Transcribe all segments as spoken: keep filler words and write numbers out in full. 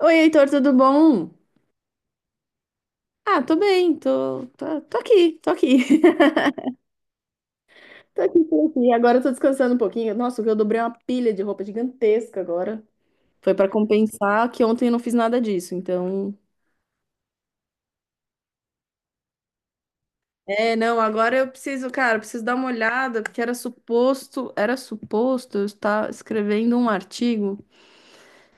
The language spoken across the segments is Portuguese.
Oi, Heitor, tudo bom? Ah, tô bem, tô, tô, tô aqui, tô aqui. Tô aqui, tô aqui. Agora eu tô descansando um pouquinho. Nossa, eu dobrei uma pilha de roupa gigantesca agora. Foi pra compensar que ontem eu não fiz nada disso, então. É, não, agora eu preciso, cara, eu preciso dar uma olhada, porque era suposto, era suposto eu estar escrevendo um artigo.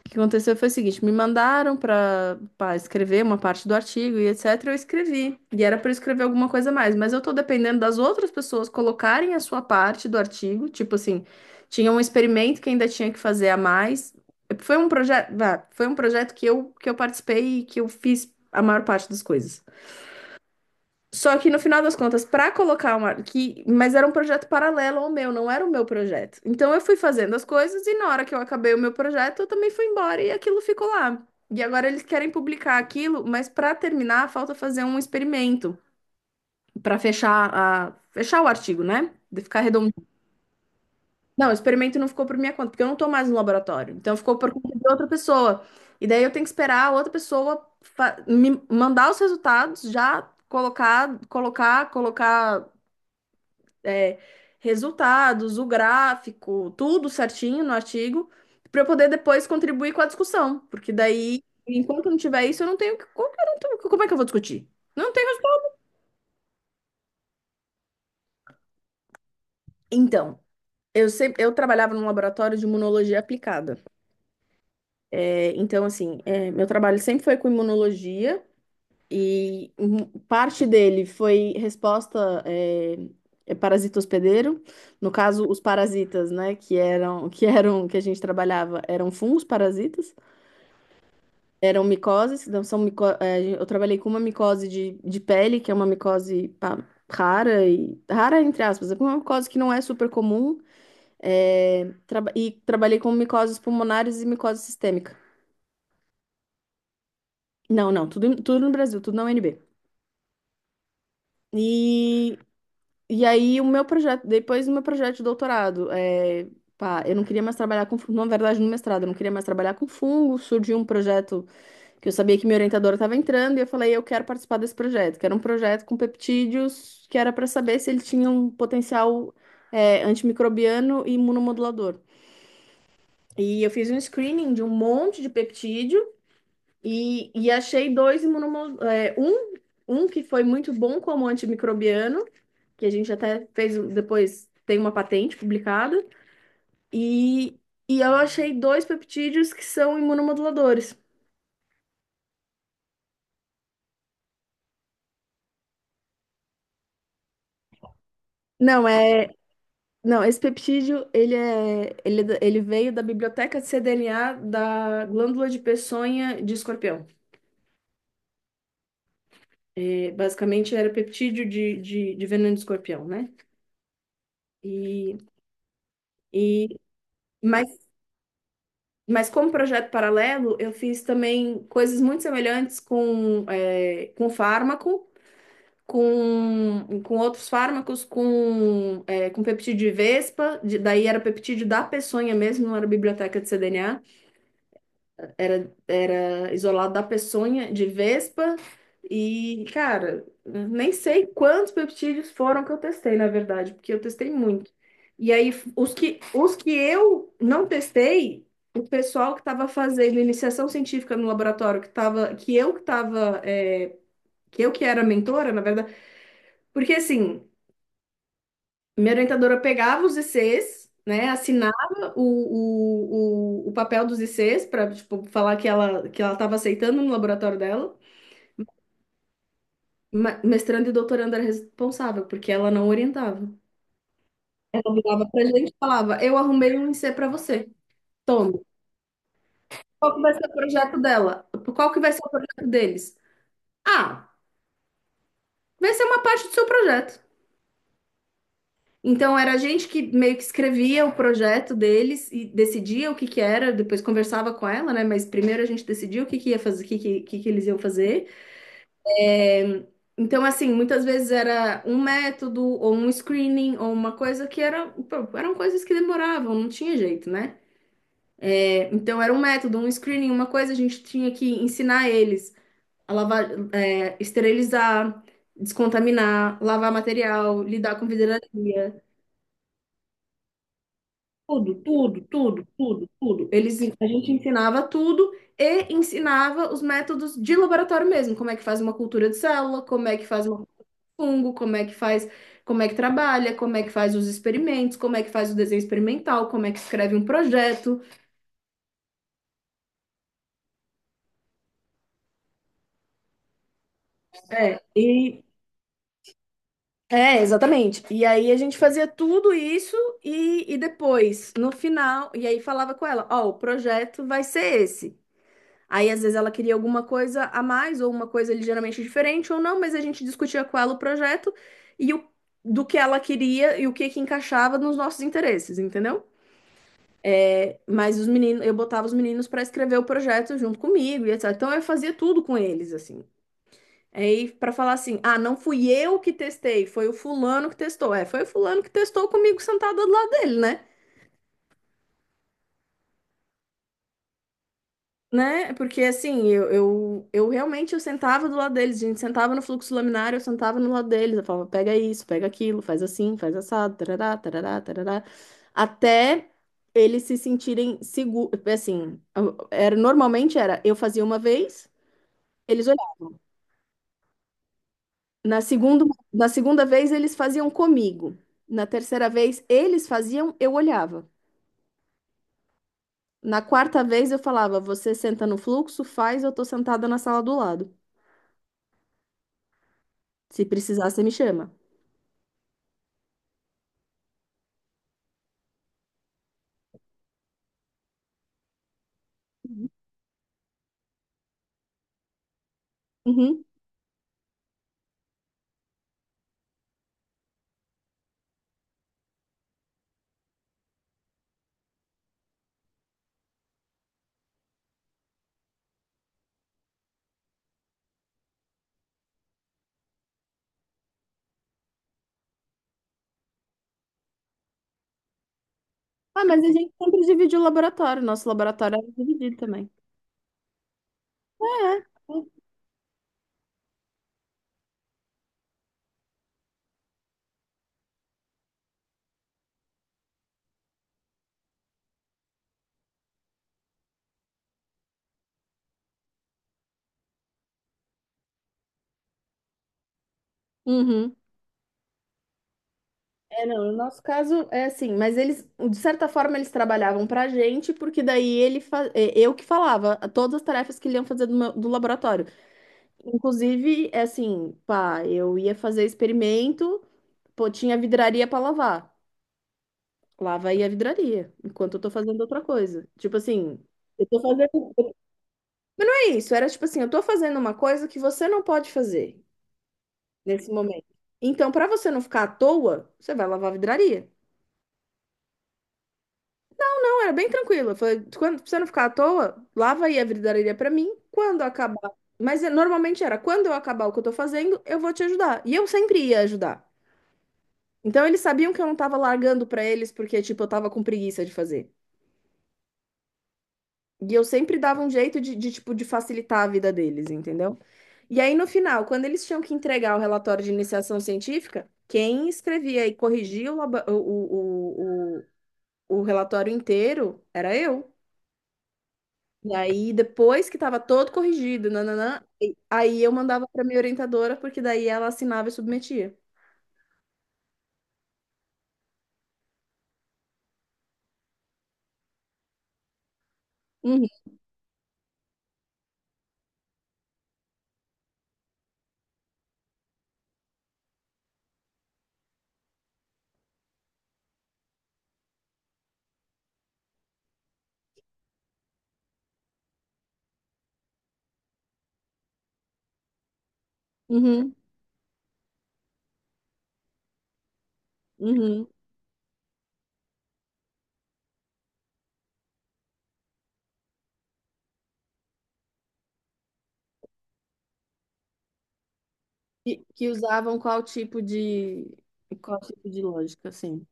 O que aconteceu foi o seguinte, me mandaram para para escrever uma parte do artigo e etc, eu escrevi. E era para eu escrever alguma coisa a mais, mas eu tô dependendo das outras pessoas colocarem a sua parte do artigo, tipo assim, tinha um experimento que ainda tinha que fazer a mais. Foi um projeto, foi um projeto que eu que eu participei e que eu fiz a maior parte das coisas. Só que no final das contas, para colocar uma. Que, mas era um projeto paralelo ao meu, não era o meu projeto. Então eu fui fazendo as coisas e na hora que eu acabei o meu projeto, eu também fui embora e aquilo ficou lá. E agora eles querem publicar aquilo, mas para terminar, falta fazer um experimento para fechar a fechar o artigo, né? De ficar redondinho. Não, o experimento não ficou por minha conta, porque eu não tô mais no laboratório. Então ficou por conta de outra pessoa. E daí eu tenho que esperar a outra pessoa fa- me mandar os resultados, já colocar, colocar, colocar é, resultados, o gráfico, tudo certinho no artigo, para eu poder depois contribuir com a discussão. Porque daí, enquanto não tiver isso, eu não tenho. que- Como que eu não tenho- como é que eu vou discutir? Não tenho resultado. Então, eu sempre, eu trabalhava num laboratório de imunologia aplicada. É, então, assim, é, meu trabalho sempre foi com imunologia. E hum, parte dele foi resposta é, é parasita hospedeiro, no caso, os parasitas, né, que eram, que eram, que a gente trabalhava, eram fungos parasitas. Eram micoses, então são mico eh, eu trabalhei com uma micose de, de pele, que é uma micose pá, rara, e rara entre aspas, é uma micose que não é super comum, eh, traba- e trabalhei com micoses pulmonares e micose sistêmica. Não, não, tudo, tudo no Brasil, tudo na U N B. E, e aí o meu projeto, depois do meu projeto de doutorado, eh, pá, eu não queria mais trabalhar com, fun- na verdade no mestrado, eu não queria mais trabalhar com fungo, surgiu um projeto que eu sabia que minha orientadora estava entrando e eu falei, eu quero participar desse projeto, que era um projeto com peptídeos que era para saber se ele tinha um potencial é, antimicrobiano e imunomodulador. E eu fiz um screening de um monte de peptídeo e, e achei dois imunomoduladores, um, um que foi muito bom como antimicrobiano, que a gente até fez um- depois, tem uma patente publicada, e, e eu achei dois peptídeos que são imunomoduladores. Não, é Não, esse peptídeo, ele é, ele, é da- ele veio da biblioteca de cDNA da glândula de peçonha de escorpião. E, basicamente era peptídeo de, de, de veneno de escorpião, né? E, e mas, mas como projeto paralelo, eu fiz também coisas muito semelhantes com, é, com fármaco, com, com outros fármacos, com, é, com peptídeo de vespa, de- daí era peptídeo da peçonha mesmo, não era biblioteca de cDNA. Era, era isolado da peçonha de vespa. E, cara, nem sei quantos peptídeos foram que eu testei, na verdade, porque eu testei muito. E aí, os que, os que eu não testei, o pessoal que estava fazendo iniciação científica no laboratório, que tava, que eu que estava, que eu que era mentora, na verdade, porque assim. Minha orientadora pegava os I Cs, né, assinava o, o, o, o papel dos I Cs para tipo, falar que ela que ela estava aceitando no laboratório dela. Ma- Mestrando e doutorando era responsável, porque ela não orientava. Ela virava pra gente e falava: Eu arrumei um I C para você. Toma. Qual que vai ser o projeto dela? Qual que vai ser o projeto deles? Ah, vai ser uma parte do seu projeto. Então era a gente que meio que escrevia o projeto deles e decidia o que que era, depois conversava com ela, né? Mas primeiro a gente decidia o que que ia fazer, o que que, o que que eles iam fazer. É, então, assim, muitas vezes era um método, ou um screening, ou uma coisa que era, pô, eram coisas que demoravam, não tinha jeito, né? É, então, era um método, um screening, uma coisa, a gente tinha que ensinar eles a lavar, é, esterilizar, descontaminar, lavar material, lidar com vidraria. Tudo, tudo, tudo, tudo, tudo. Eles, en- a gente ensinava tudo e ensinava os métodos de laboratório mesmo, como é que faz uma cultura de célula, como é que faz um fungo, como é que faz, como é que trabalha, como é que faz os experimentos, como é que faz o desenho experimental, como é que escreve um projeto. É, e é, exatamente. E aí a gente fazia tudo isso e, e depois, no final, e aí falava com ela, ó, o projeto vai ser esse. Aí, às vezes, ela queria alguma coisa a mais, ou uma coisa ligeiramente diferente, ou não, mas a gente discutia com ela o projeto e o, do que ela queria e o que que encaixava nos nossos interesses, entendeu? É, mas os meninos, eu botava os meninos para escrever o projeto junto comigo e et cetera. Então, eu fazia tudo com eles, assim. Aí, para falar assim, ah, não fui eu que testei, foi o fulano que testou. É, foi o fulano que testou comigo sentado do lado dele, né? Né? Porque assim, eu, eu, eu realmente eu sentava do lado deles, a gente sentava no fluxo laminar, eu sentava no lado deles, eu falava, pega isso, pega aquilo, faz assim, faz assado, tarará, tarará, tarará, até eles se sentirem seguros, assim, era, normalmente era, eu fazia uma vez, eles olhavam, na segunda, na segunda vez eles faziam comigo, na terceira vez eles faziam, eu olhava, na quarta vez eu falava, você senta no fluxo, faz, eu tô sentada na sala do lado, se precisar, você me chama. Uhum. Ah, mas a gente sempre dividiu o laboratório. Nosso laboratório era dividido também. É. É. Uhum. É, não, no nosso caso é assim, mas eles, de certa forma, eles trabalhavam pra gente, porque daí ele fa- é, eu que falava todas as tarefas que ele iam fazer do, meu- do laboratório. Inclusive, é assim, pá, eu ia fazer experimento, pô, tinha vidraria pra lavar. Lava aí a vidraria, enquanto eu tô fazendo outra coisa. Tipo assim, eu tô fazendo. Mas não é isso, era tipo assim, eu tô fazendo uma coisa que você não pode fazer nesse momento. Então, para você não ficar à toa, você vai lavar a vidraria. Então, era bem tranquilo. Eu falei, quando pra você não ficar à toa, lava aí a vidraria para mim. Quando acabar. Mas eh, normalmente era, quando eu acabar o que eu tô fazendo, eu vou te ajudar. E eu sempre ia ajudar. Então, eles sabiam que eu não tava largando para eles porque, tipo, eu tava com preguiça de fazer. E eu sempre dava um jeito de, de, tipo, de facilitar a vida deles, entendeu? E aí, no final, quando eles tinham que entregar o relatório de iniciação científica, quem escrevia e corrigia o, laba- o, o, o- o relatório inteiro era eu. E aí, depois que estava todo corrigido, nananã, e- aí eu mandava para minha orientadora, porque daí ela assinava e submetia. Uhum, uhum, uhum. E, que usavam qual tipo de qual tipo de lógica, assim.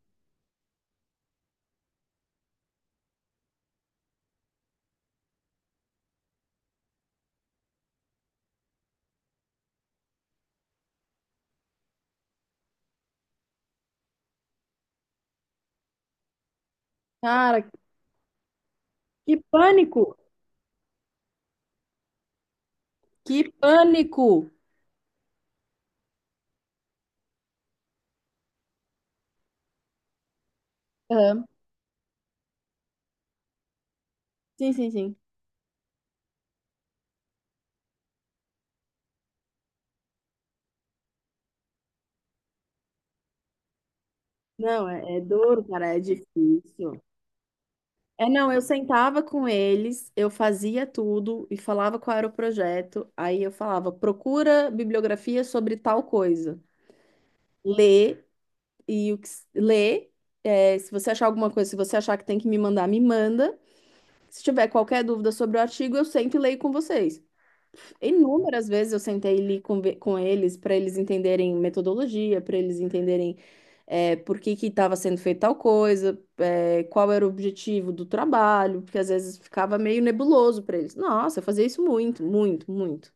Cara, que pânico! Que pânico! Aham. Sim, sim, sim. Não, é, é duro, cara, é difícil. É, não, eu sentava com eles, eu fazia tudo e falava qual era o projeto. Aí eu falava, procura bibliografia sobre tal coisa. Lê e o que s- lê. É, se você achar alguma coisa, se você achar que tem que me mandar, me manda. Se tiver qualquer dúvida sobre o artigo, eu sento e leio com vocês. Inúmeras vezes eu sentei ali com, com eles para eles entenderem metodologia, para eles entenderem é, por que que estava sendo feita tal coisa, é, qual era o objetivo do trabalho, porque às vezes ficava meio nebuloso para eles. Nossa, eu fazia isso muito, muito, muito.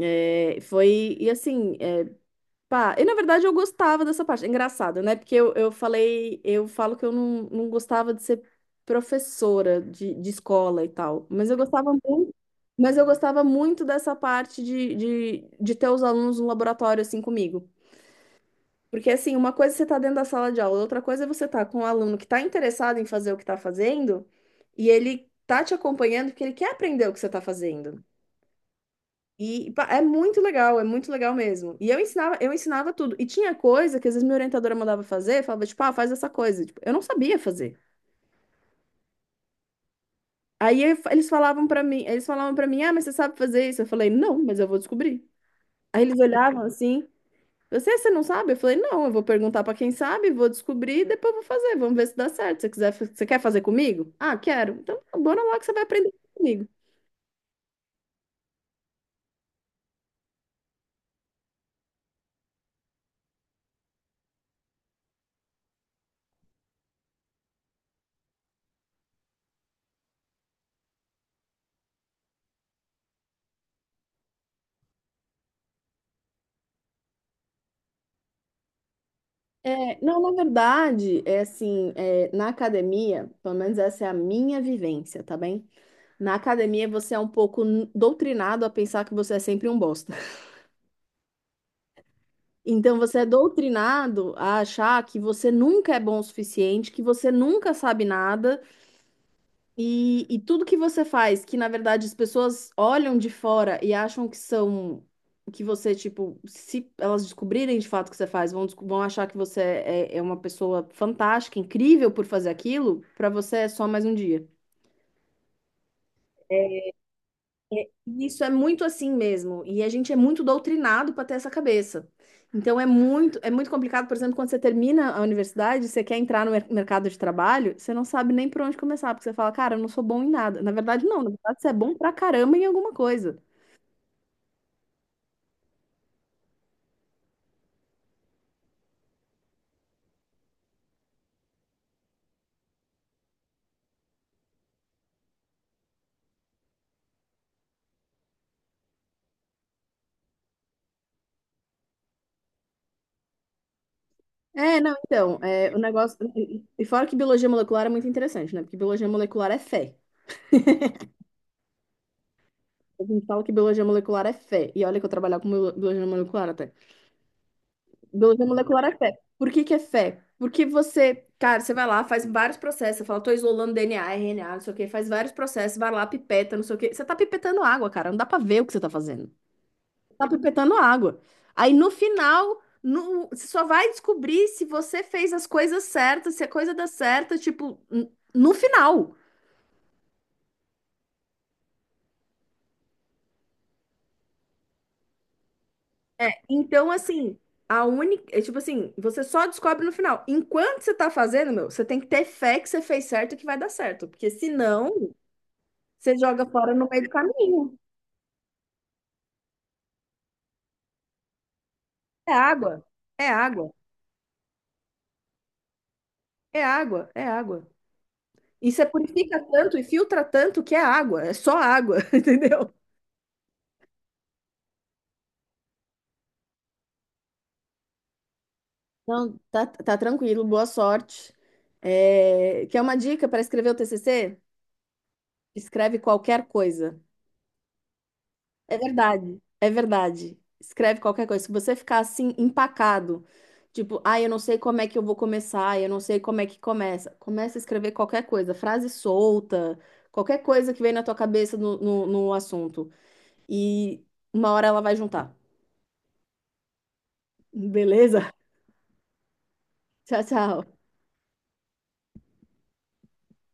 É, foi, e assim, eh, Pá, e na verdade eu gostava dessa parte. É engraçado, né? Porque eu, eu falei, eu falo que eu não, não gostava de ser professora de, de escola e tal. Mas eu gostava muito, mas eu gostava muito dessa parte de, de, de ter os alunos no laboratório assim comigo. Porque assim, uma coisa é você tá dentro da sala de aula, outra coisa é você tá com um aluno que tá interessado em fazer o que tá fazendo e ele tá te acompanhando porque ele quer aprender o que você tá fazendo. E pá, é muito legal, é muito legal mesmo. E eu ensinava, eu ensinava tudo. E tinha coisa que às vezes minha orientadora mandava fazer, falava tipo, ah, faz essa coisa. Tipo, eu não sabia fazer. Aí eu- eles falavam pra mim, eles falavam para mim, ah, mas você sabe fazer isso? Eu falei, não, mas eu vou descobrir. Aí eles olhavam assim, você, você não sabe? Eu falei, não, eu vou perguntar pra quem sabe, vou descobrir e depois vou fazer, vamos ver se dá certo. Se você quiser, você quer fazer comigo? Ah, quero. Então, bora lá que você vai aprender comigo. É, não, na verdade, é assim, é, na academia, pelo menos essa é a minha vivência, tá bem? Na academia você é um pouco n- doutrinado a pensar que você é sempre um bosta. Então você é doutrinado a achar que você nunca é bom o suficiente, que você nunca sabe nada. E, e tudo que você faz, que na verdade as pessoas olham de fora e acham que são, que você, tipo, se elas descobrirem de fato o que você faz, vão, desco- vão achar que você é, é uma pessoa fantástica, incrível por fazer aquilo, pra você é só mais um dia. E isso é muito assim mesmo, e a gente é muito doutrinado para ter essa cabeça. Então é muito, é muito complicado, por exemplo, quando você termina a universidade, você quer entrar no mer- mercado de trabalho, você não sabe nem por onde começar, porque você fala, cara, eu não sou bom em nada. Na verdade, não, na verdade, você é bom pra caramba em alguma coisa. É, não, então, é, o negócio. E e fora que biologia molecular é muito interessante, né? Porque biologia molecular é fé. A gente fala que biologia molecular é fé. E olha que eu trabalhava com bio- biologia molecular até. Biologia molecular é fé. Por que que é fé? Porque você, cara, você vai lá, faz vários processos, você fala, tô isolando D N A, R N A, não sei o quê, faz vários processos, vai lá, pipeta, não sei o quê. Você tá pipetando água, cara, não dá pra ver o que você tá fazendo. Tá pipetando água. Aí no final, no- você só vai descobrir se você fez as coisas certas, se a coisa dá certo, tipo, n- no final. É, então, assim, a única. É, tipo assim, você só descobre no final. Enquanto você tá fazendo, meu, você tem que ter fé que você fez certo e que vai dar certo. Porque senão. Você joga fora no meio do caminho. É água, é água, é água, é água. E você purifica tanto e filtra tanto que é água, é só água, entendeu? Não, tá, tá tranquilo, boa sorte. É, quer uma dica para escrever o T C C? Escreve qualquer coisa. É verdade, é verdade. Escreve qualquer coisa. Se você ficar assim, empacado, tipo, ah, eu não sei como é que eu vou começar, eu não sei como é que começa. Começa a escrever qualquer coisa, frase solta, qualquer coisa que vem na tua cabeça no, no, no assunto. E uma hora ela vai juntar. Beleza? Tchau, tchau.